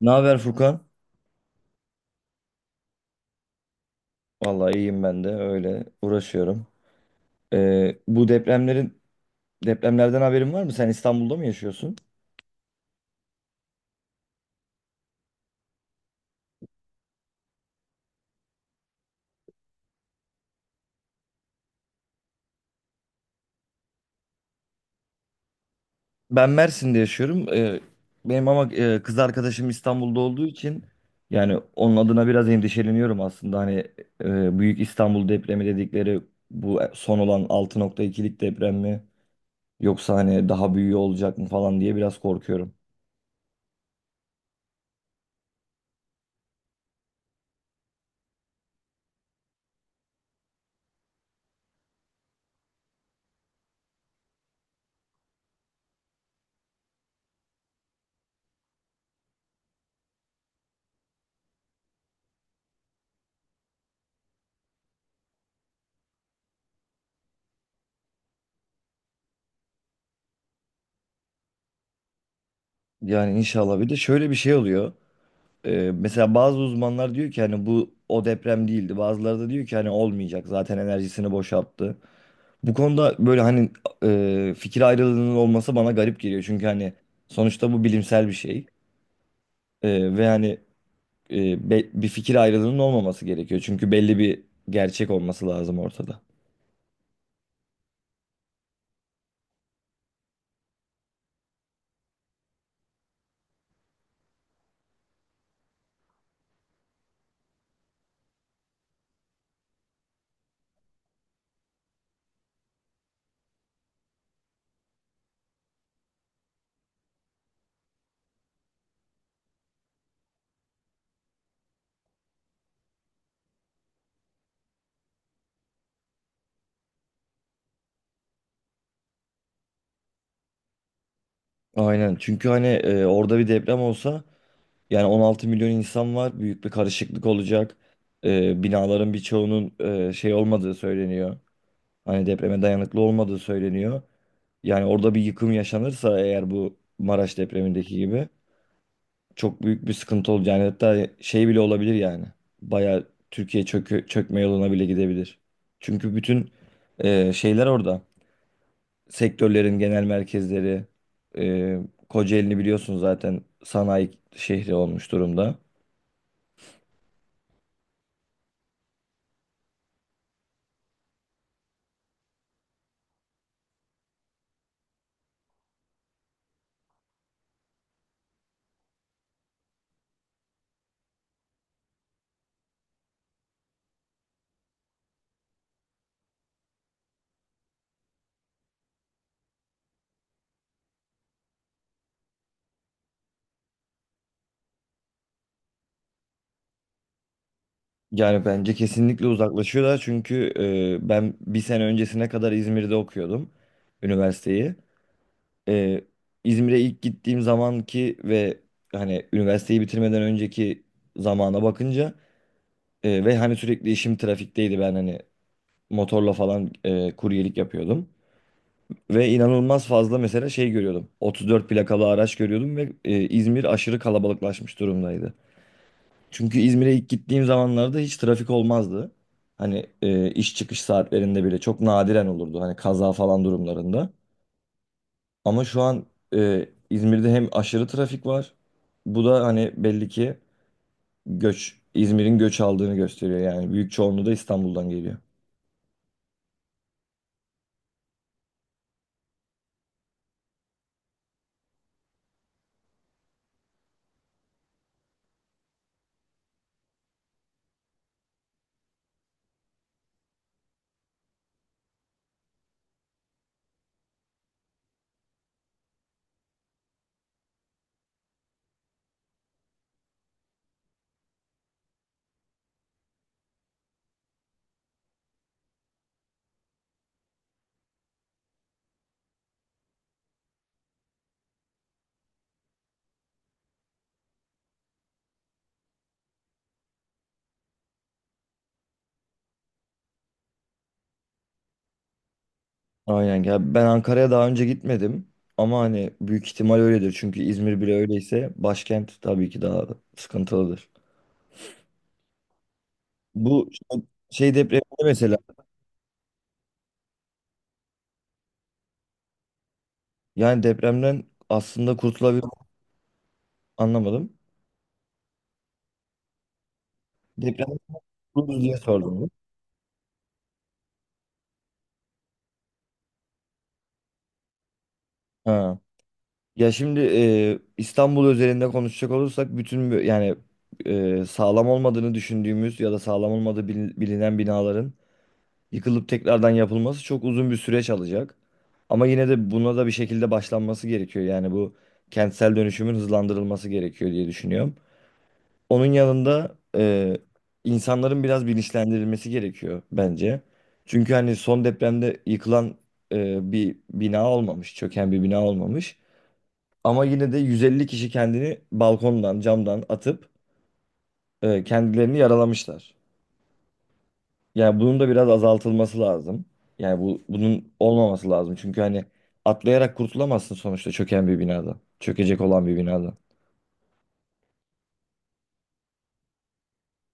Ne haber Furkan? Vallahi iyiyim ben de öyle uğraşıyorum. Bu depremlerden haberin var mı? Sen İstanbul'da mı yaşıyorsun? Ben Mersin'de yaşıyorum. Benim ama kız arkadaşım İstanbul'da olduğu için yani onun adına biraz endişeleniyorum aslında. Hani büyük İstanbul depremi dedikleri bu son olan 6.2'lik deprem mi? Yoksa hani daha büyüğü olacak mı falan diye biraz korkuyorum. Yani inşallah bir de şöyle bir şey oluyor. Mesela bazı uzmanlar diyor ki hani bu o deprem değildi. Bazıları da diyor ki hani olmayacak, zaten enerjisini boşalttı. Bu konuda böyle hani fikir ayrılığının olması bana garip geliyor. Çünkü hani sonuçta bu bilimsel bir şey. Ve hani bir fikir ayrılığının olmaması gerekiyor. Çünkü belli bir gerçek olması lazım ortada. Aynen, çünkü hani orada bir deprem olsa yani 16 milyon insan var. Büyük bir karışıklık olacak. Binaların birçoğunun şey olmadığı söyleniyor. Hani depreme dayanıklı olmadığı söyleniyor. Yani orada bir yıkım yaşanırsa eğer, bu Maraş depremindeki gibi çok büyük bir sıkıntı olacak. Yani hatta şey bile olabilir yani. Bayağı Türkiye çökme yoluna bile gidebilir. Çünkü bütün şeyler orada. Sektörlerin genel merkezleri, e, Kocaeli'ni biliyorsun, zaten sanayi şehri olmuş durumda. Yani bence kesinlikle uzaklaşıyorlar, çünkü ben bir sene öncesine kadar İzmir'de okuyordum üniversiteyi. e, İzmir'e ilk gittiğim zamanki ve hani üniversiteyi bitirmeden önceki zamana bakınca ve hani sürekli işim trafikteydi, ben hani motorla falan kuryelik yapıyordum. Ve inanılmaz fazla mesela şey görüyordum. 34 plakalı araç görüyordum ve İzmir aşırı kalabalıklaşmış durumdaydı. Çünkü İzmir'e ilk gittiğim zamanlarda hiç trafik olmazdı. Hani iş çıkış saatlerinde bile çok nadiren olurdu, hani kaza falan durumlarında. Ama şu an İzmir'de hem aşırı trafik var. Bu da hani belli ki göç, İzmir'in göç aldığını gösteriyor yani. Büyük çoğunluğu da İstanbul'dan geliyor. Aynen ya, ben Ankara'ya daha önce gitmedim, ama hani büyük ihtimal öyledir. Çünkü İzmir bile öyleyse başkent tabii ki daha sıkıntılıdır. Bu şey depremde mesela yani depremden aslında kurtulabilir, anlamadım. Deprem kurtulur diye sordum. Ha. Ya şimdi İstanbul özelinde konuşacak olursak, bütün yani sağlam olmadığını düşündüğümüz ya da sağlam olmadığı bilinen binaların yıkılıp tekrardan yapılması çok uzun bir süreç alacak. Ama yine de buna da bir şekilde başlanması gerekiyor. Yani bu kentsel dönüşümün hızlandırılması gerekiyor diye düşünüyorum. Onun yanında insanların biraz bilinçlendirilmesi gerekiyor bence. Çünkü hani son depremde yıkılan bir bina olmamış, çöken bir bina olmamış. Ama yine de 150 kişi kendini balkondan, camdan atıp kendilerini yaralamışlar. Yani bunun da biraz azaltılması lazım. Yani bu, bunun olmaması lazım. Çünkü hani atlayarak kurtulamazsın sonuçta çöken bir binada, çökecek olan bir binada.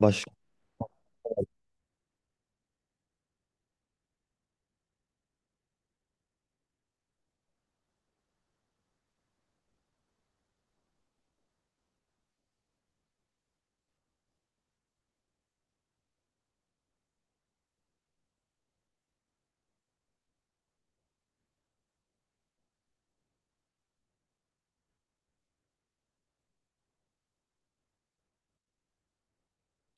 Başka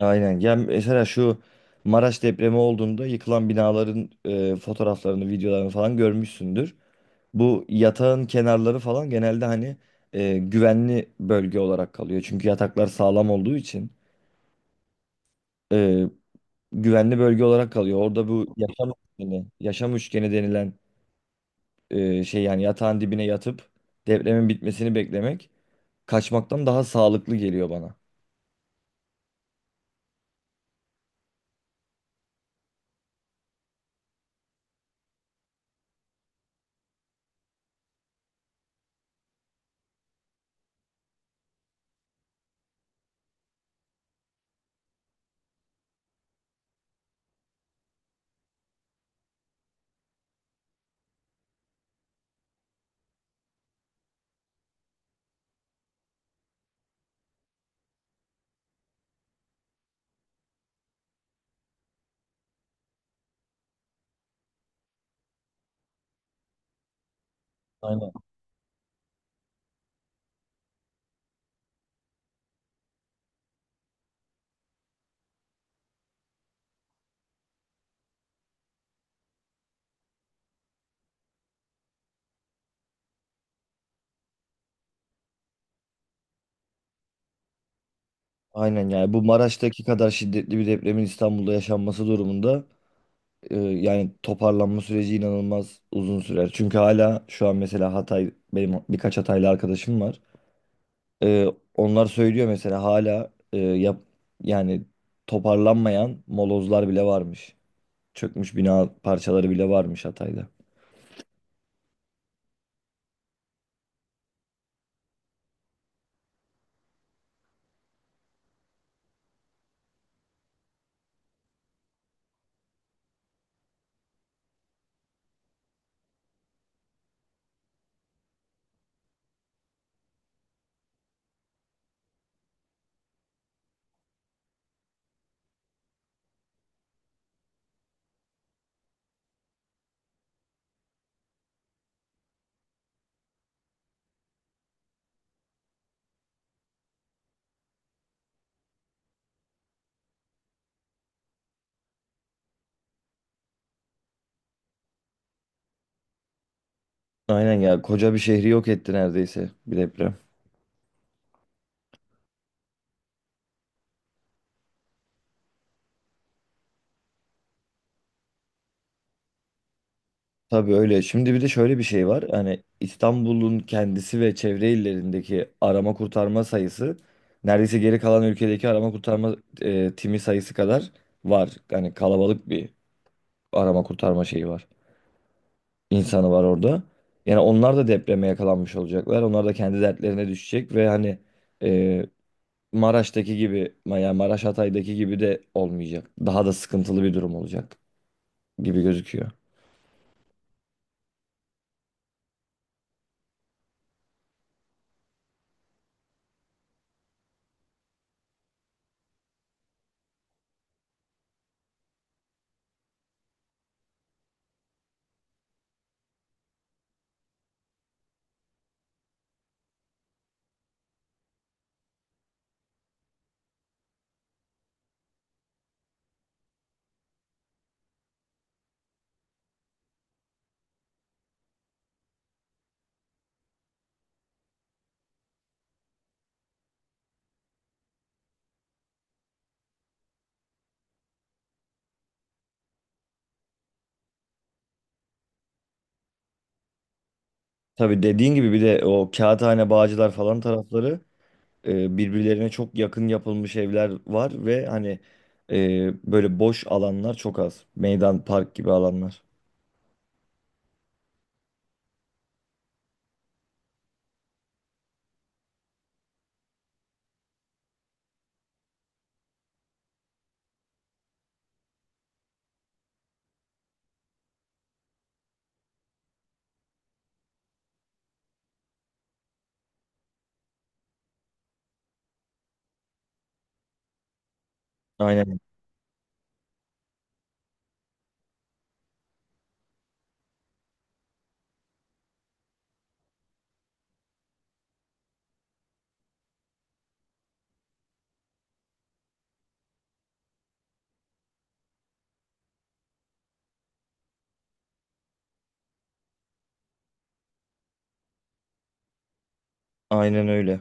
aynen. Yani mesela şu Maraş depremi olduğunda yıkılan binaların fotoğraflarını, videolarını falan görmüşsündür. Bu yatağın kenarları falan genelde hani güvenli bölge olarak kalıyor, çünkü yataklar sağlam olduğu için. E, güvenli bölge olarak kalıyor. Orada bu yaşam üçgeni, yaşam üçgeni denilen şey, yani yatağın dibine yatıp depremin bitmesini beklemek kaçmaktan daha sağlıklı geliyor bana. Aynen. Aynen, yani bu Maraş'taki kadar şiddetli bir depremin İstanbul'da yaşanması durumunda yani toparlanma süreci inanılmaz uzun sürer. Çünkü hala şu an mesela Hatay, benim birkaç Hataylı arkadaşım var. Ee, onlar söylüyor mesela, hala yani toparlanmayan molozlar bile varmış. Çökmüş bina parçaları bile varmış Hatay'da. Aynen ya, koca bir şehri yok etti neredeyse bir deprem. Tabii öyle. Şimdi bir de şöyle bir şey var. Hani İstanbul'un kendisi ve çevre illerindeki arama kurtarma sayısı neredeyse geri kalan ülkedeki arama kurtarma timi sayısı kadar var. Yani kalabalık bir arama kurtarma şeyi var, insanı var orada. Yani onlar da depreme yakalanmış olacaklar. Onlar da kendi dertlerine düşecek ve hani e, Maraş'taki gibi, yani Maraş Hatay'daki gibi de olmayacak. Daha da sıkıntılı bir durum olacak gibi gözüküyor. Tabii dediğin gibi, bir de o Kağıthane, Bağcılar falan tarafları birbirlerine çok yakın yapılmış evler var ve hani böyle boş alanlar çok az. Meydan, park gibi alanlar. Aynen, aynen öyle.